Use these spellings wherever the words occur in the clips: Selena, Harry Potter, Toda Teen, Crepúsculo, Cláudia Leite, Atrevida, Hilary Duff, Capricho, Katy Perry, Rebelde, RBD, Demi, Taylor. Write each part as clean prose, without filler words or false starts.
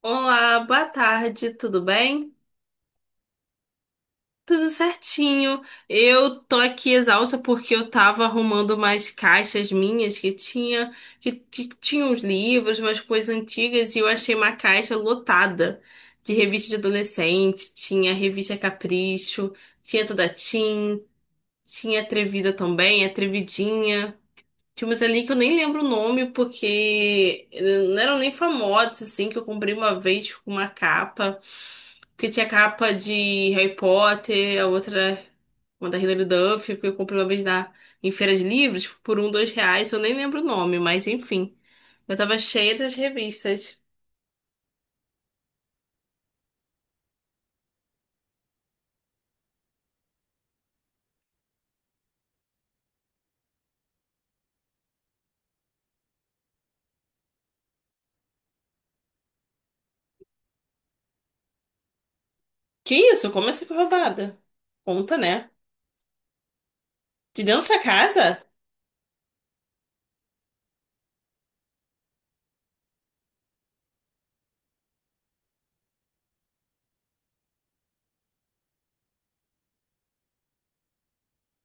Olá, boa tarde, tudo bem? Tudo certinho. Eu tô aqui exausta porque eu tava arrumando umas caixas minhas que tinha que tinha uns livros, umas coisas antigas e eu achei uma caixa lotada de revista de adolescente. Tinha revista Capricho, tinha Toda Teen, tinha Atrevida também, Atrevidinha. Tinha umas ali que eu nem lembro o nome porque não eram nem famosas assim que eu comprei uma vez com uma capa. Porque tinha capa de Harry Potter, a outra, uma da Hilary Duff, porque eu comprei uma vez em feira de livros por um, R$ 2, eu nem lembro o nome, mas enfim. Eu tava cheia das revistas. Que isso? Como assim foi roubada? Conta, né? De dentro dessa casa?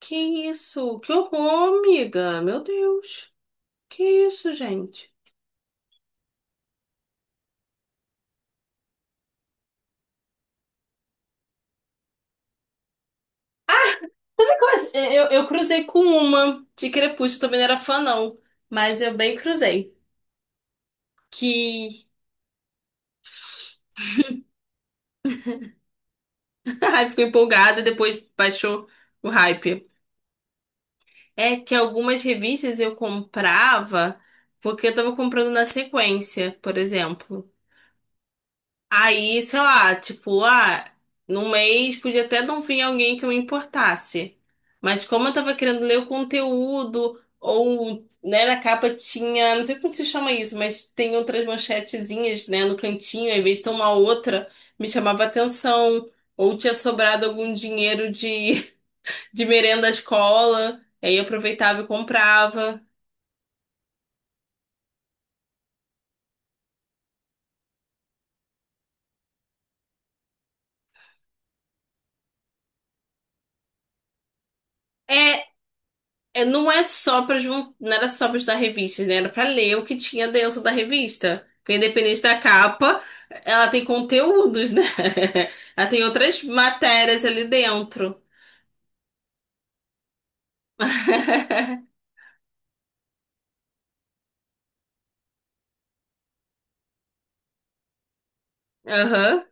Que isso? Que horror, amiga. Meu Deus. Que isso, gente? Sabe qual é? Eu cruzei com uma de Crepúsculo, também não era fã, não. Mas eu bem cruzei. Que Ai, ficou empolgada, depois baixou o hype. É que algumas revistas eu comprava porque eu tava comprando na sequência, por exemplo. Aí, sei lá, tipo, ah, num mês podia até não vir alguém que eu me importasse. Mas como eu tava querendo ler o conteúdo, ou, né, na capa tinha, não sei como se chama isso, mas tem outras manchetezinhas, né, no cantinho, às vezes tem uma outra, me chamava atenção. Ou tinha sobrado algum dinheiro de merenda à escola. Aí eu aproveitava e comprava. É, não era só para estudar revistas, né? Era para ler o que tinha dentro da revista. Porque independente da capa, ela tem conteúdos, né? Ela tem outras matérias ali dentro. Aham.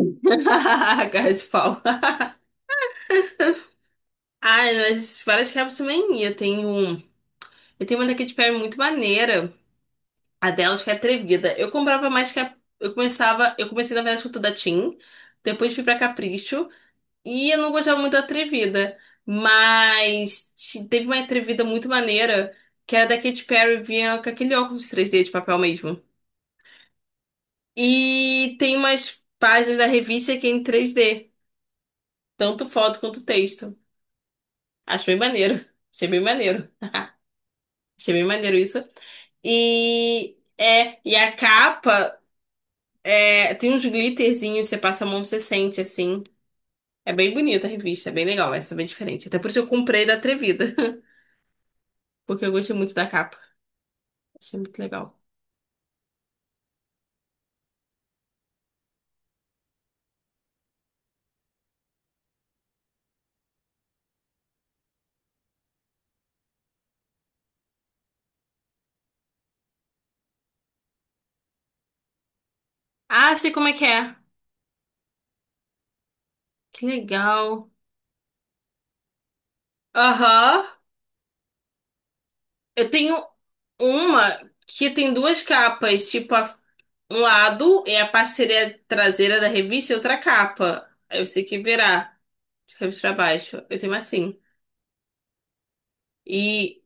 Cara de pau. Ai, mas várias capas também ia. Tem um. E tem uma daqui de pé muito maneira. A delas que é atrevida. Eu comprava mais que a... Eu começava... Eu comecei, na verdade, com tudo da Tim. Depois fui pra Capricho. E eu não gostava muito da atrevida. Mas teve uma atrevida muito maneira. Que era da Katy Perry. Vinha com aquele óculos 3D de papel mesmo. E tem umas páginas da revista que é em 3D. Tanto foto quanto texto. Acho bem maneiro. Achei bem maneiro. Achei bem maneiro isso. É, e a capa, tem uns glitterzinhos, você passa a mão, você sente, assim. É bem bonita a revista, é bem legal, essa é bem diferente. Até por isso eu comprei da Atrevida, porque eu gostei muito da capa. Achei muito legal. Ah, sei como é. Que legal. Aham. Eu tenho uma que tem duas capas, tipo, um lado é a parceria traseira da revista e outra capa. Aí você tem que virar de cabeça pra baixo. Eu tenho uma assim. E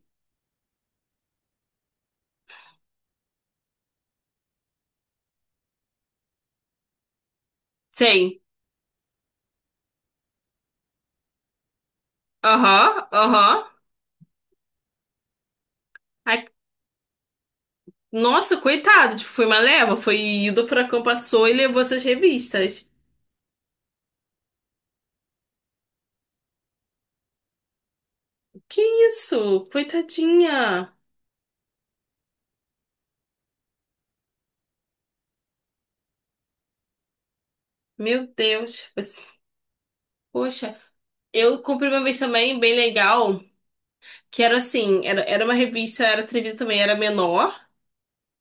Sei. Aham, aham. Nossa, coitado, tipo, foi uma leva, foi do furacão passou e levou essas revistas. Que isso? Coitadinha. Meu Deus. Tipo assim, poxa, eu comprei uma vez também, bem legal, que era assim, era uma revista, era atrevida também, era menor.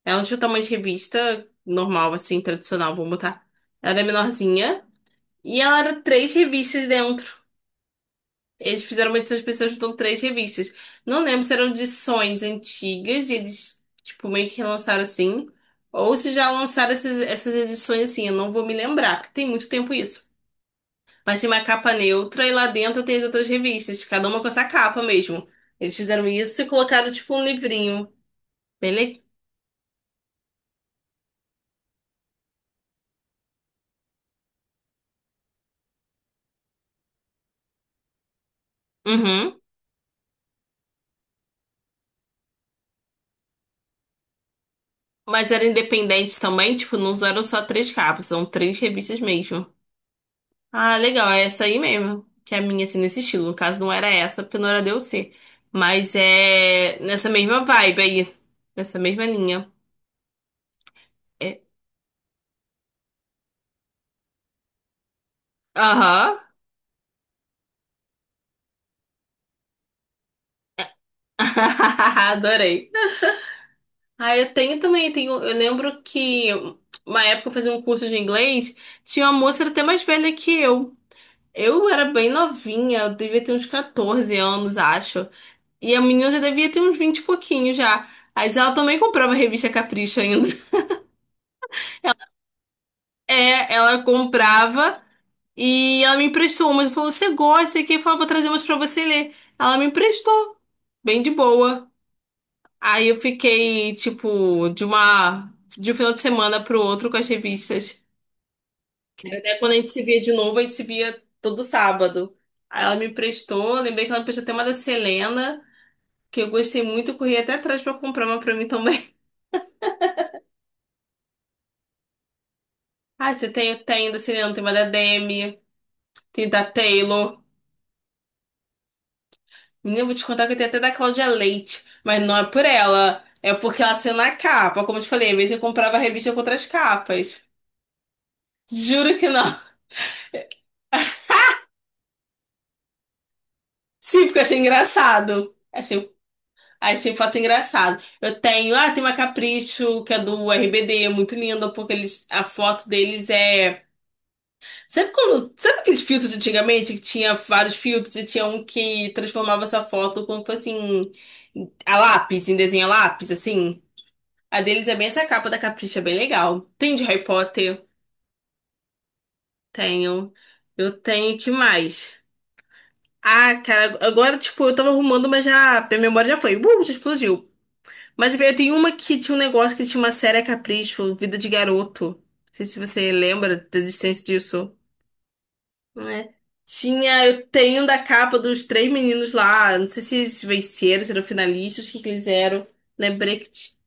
Ela não tinha o tamanho de revista normal, assim, tradicional, vamos botar. Ela era menorzinha. E ela era três revistas dentro. Eles fizeram uma edição especial juntando três revistas. Não lembro se eram edições antigas, e eles, tipo, meio que relançaram assim. Ou se já lançaram essas edições assim, eu não vou me lembrar, porque tem muito tempo isso. Mas tem uma capa neutra e lá dentro tem as outras revistas, cada uma com essa capa mesmo. Eles fizeram isso e colocaram, tipo, um livrinho. Bem le- Uhum. Mas eram independentes também, tipo, não eram só três capas, são três revistas mesmo. Ah, legal, é essa aí mesmo. Que é a minha, assim, nesse estilo. No caso, não era essa, porque não era DLC. Mas é nessa mesma vibe aí. Nessa mesma linha. É. Aham. Adorei. Ah, eu tenho também, eu lembro que uma época eu fazia um curso de inglês, tinha uma moça até mais velha que eu. Eu era bem novinha, eu devia ter uns 14 anos, acho. E a menina já devia ter uns 20 e pouquinho já. Mas ela também comprava a revista Capricho ainda. É, ela comprava e ela me emprestou umas. Ela falou, você gosta? E quem falou, vou trazer umas pra você ler. Ela me emprestou, bem de boa. Aí eu fiquei, tipo, de um final de semana pro outro com as revistas. Que era Até quando a gente se via de novo, a gente se via todo sábado. Aí ela me emprestou, lembrei que ela me emprestou até uma da Selena, que eu gostei muito, corri até atrás pra comprar uma pra mim também. Ah, você tem, tem da Selena, tem uma da Demi, tem da Taylor. Menina, eu vou te contar que eu tenho até da Cláudia Leite, mas não é por ela. É porque ela saiu na capa. Como eu te falei, às vezes eu comprava a revista com outras capas. Juro que não. Sim, porque eu achei engraçado. Achei foto engraçado. Eu tenho, ah, tem uma Capricho, que é do RBD, muito linda, porque eles, a foto deles é. Sabe quando. Sabe aqueles filtros de antigamente que tinha vários filtros e tinha um que transformava essa foto como se fosse assim, a lápis, em desenho a lápis, assim? A deles é bem essa capa da Capricha, é bem legal. Tem de Harry Potter? Tenho. Eu tenho, que mais? Ah, cara, agora, tipo, eu tava arrumando, mas já, minha memória já foi. Já explodiu. Mas eu tenho uma que tinha um negócio que tinha uma série a Capricho, Vida de Garoto. Não sei se você lembra da existência disso, né? Tinha, eu tenho da capa dos três meninos lá, não sei se eles venceram, se eram finalistas, o que que eles eram. Lembrei que tinha.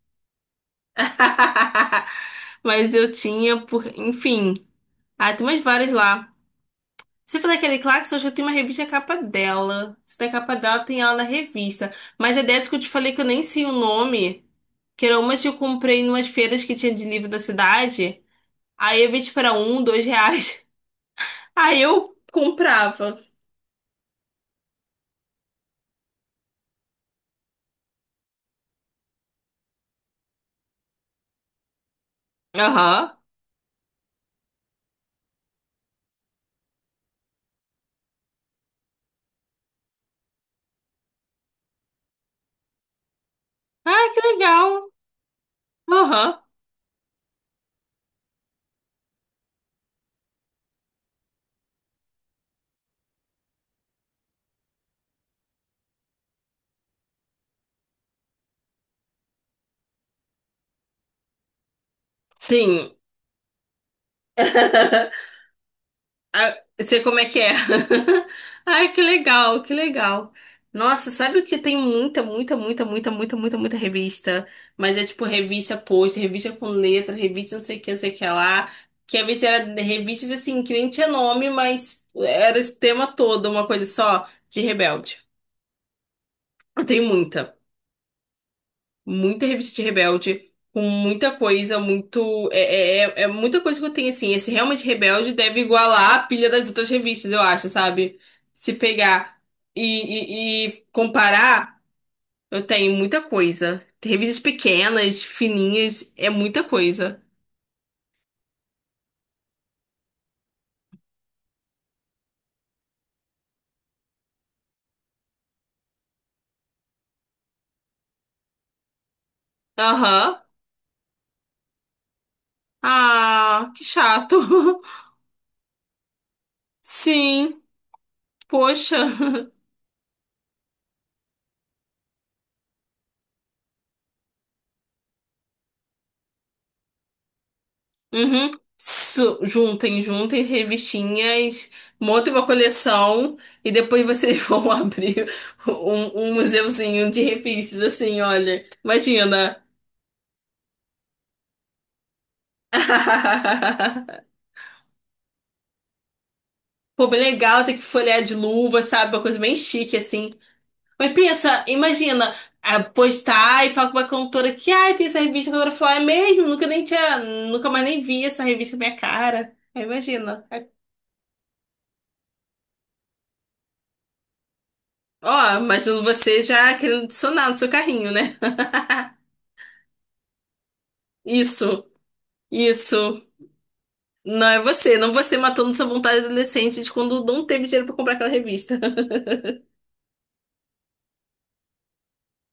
Mas eu tinha, por... enfim. Ah, tem umas várias lá. Você falou daquele Clarks, eu acho que tem uma revista capa dela. Se tem a capa dela, tem ela na revista. Mas é dessa que eu te falei que eu nem sei o nome. Que era umas que eu comprei em umas feiras que tinha de livro da cidade. Aí eu vi tipo era um, R$ 2. Aí eu comprava. Aham. Ah, que legal. Aham. Sim. Ah, sei como é que é. Ai, que legal, que legal. Nossa, sabe o que tem muita, muita, muita, muita, muita, muita, muita revista? Mas é tipo revista post, revista com letra, revista não sei o que, não sei o que lá. Que às vezes era revistas assim, que nem tinha nome, mas era esse tema todo, uma coisa só de Rebelde. Tem muita muita revista Rebelde, com muita coisa, muito. É, muita coisa que eu tenho, assim. Esse realmente Rebelde deve igualar a pilha das outras revistas, eu acho, sabe? Se pegar e comparar, eu tenho muita coisa. Tem Revistas pequenas, fininhas, é muita coisa. Aham. Ah, que chato. Sim, poxa. Uhum. Juntem, juntem revistinhas, montem uma coleção e depois vocês vão abrir um museuzinho de revistas, assim, olha. Imagina. Pô, bem legal, tem que folhear de luva, sabe? Uma coisa bem chique, assim. Mas pensa, imagina, ah, postar e falar com uma cantora que, ai, tem essa revista, a cantora fala, é mesmo? Nunca nem tinha, nunca mais nem vi essa revista com minha cara. Aí imagina. Ó, imagino você já querendo adicionar no seu carrinho, né? Isso, isso. Não é você, não você matando sua vontade adolescente de quando não teve dinheiro pra comprar aquela revista.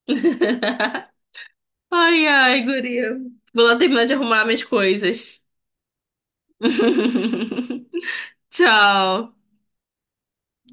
Ai, ai, guria. Vou lá terminar de arrumar minhas coisas. Tchau.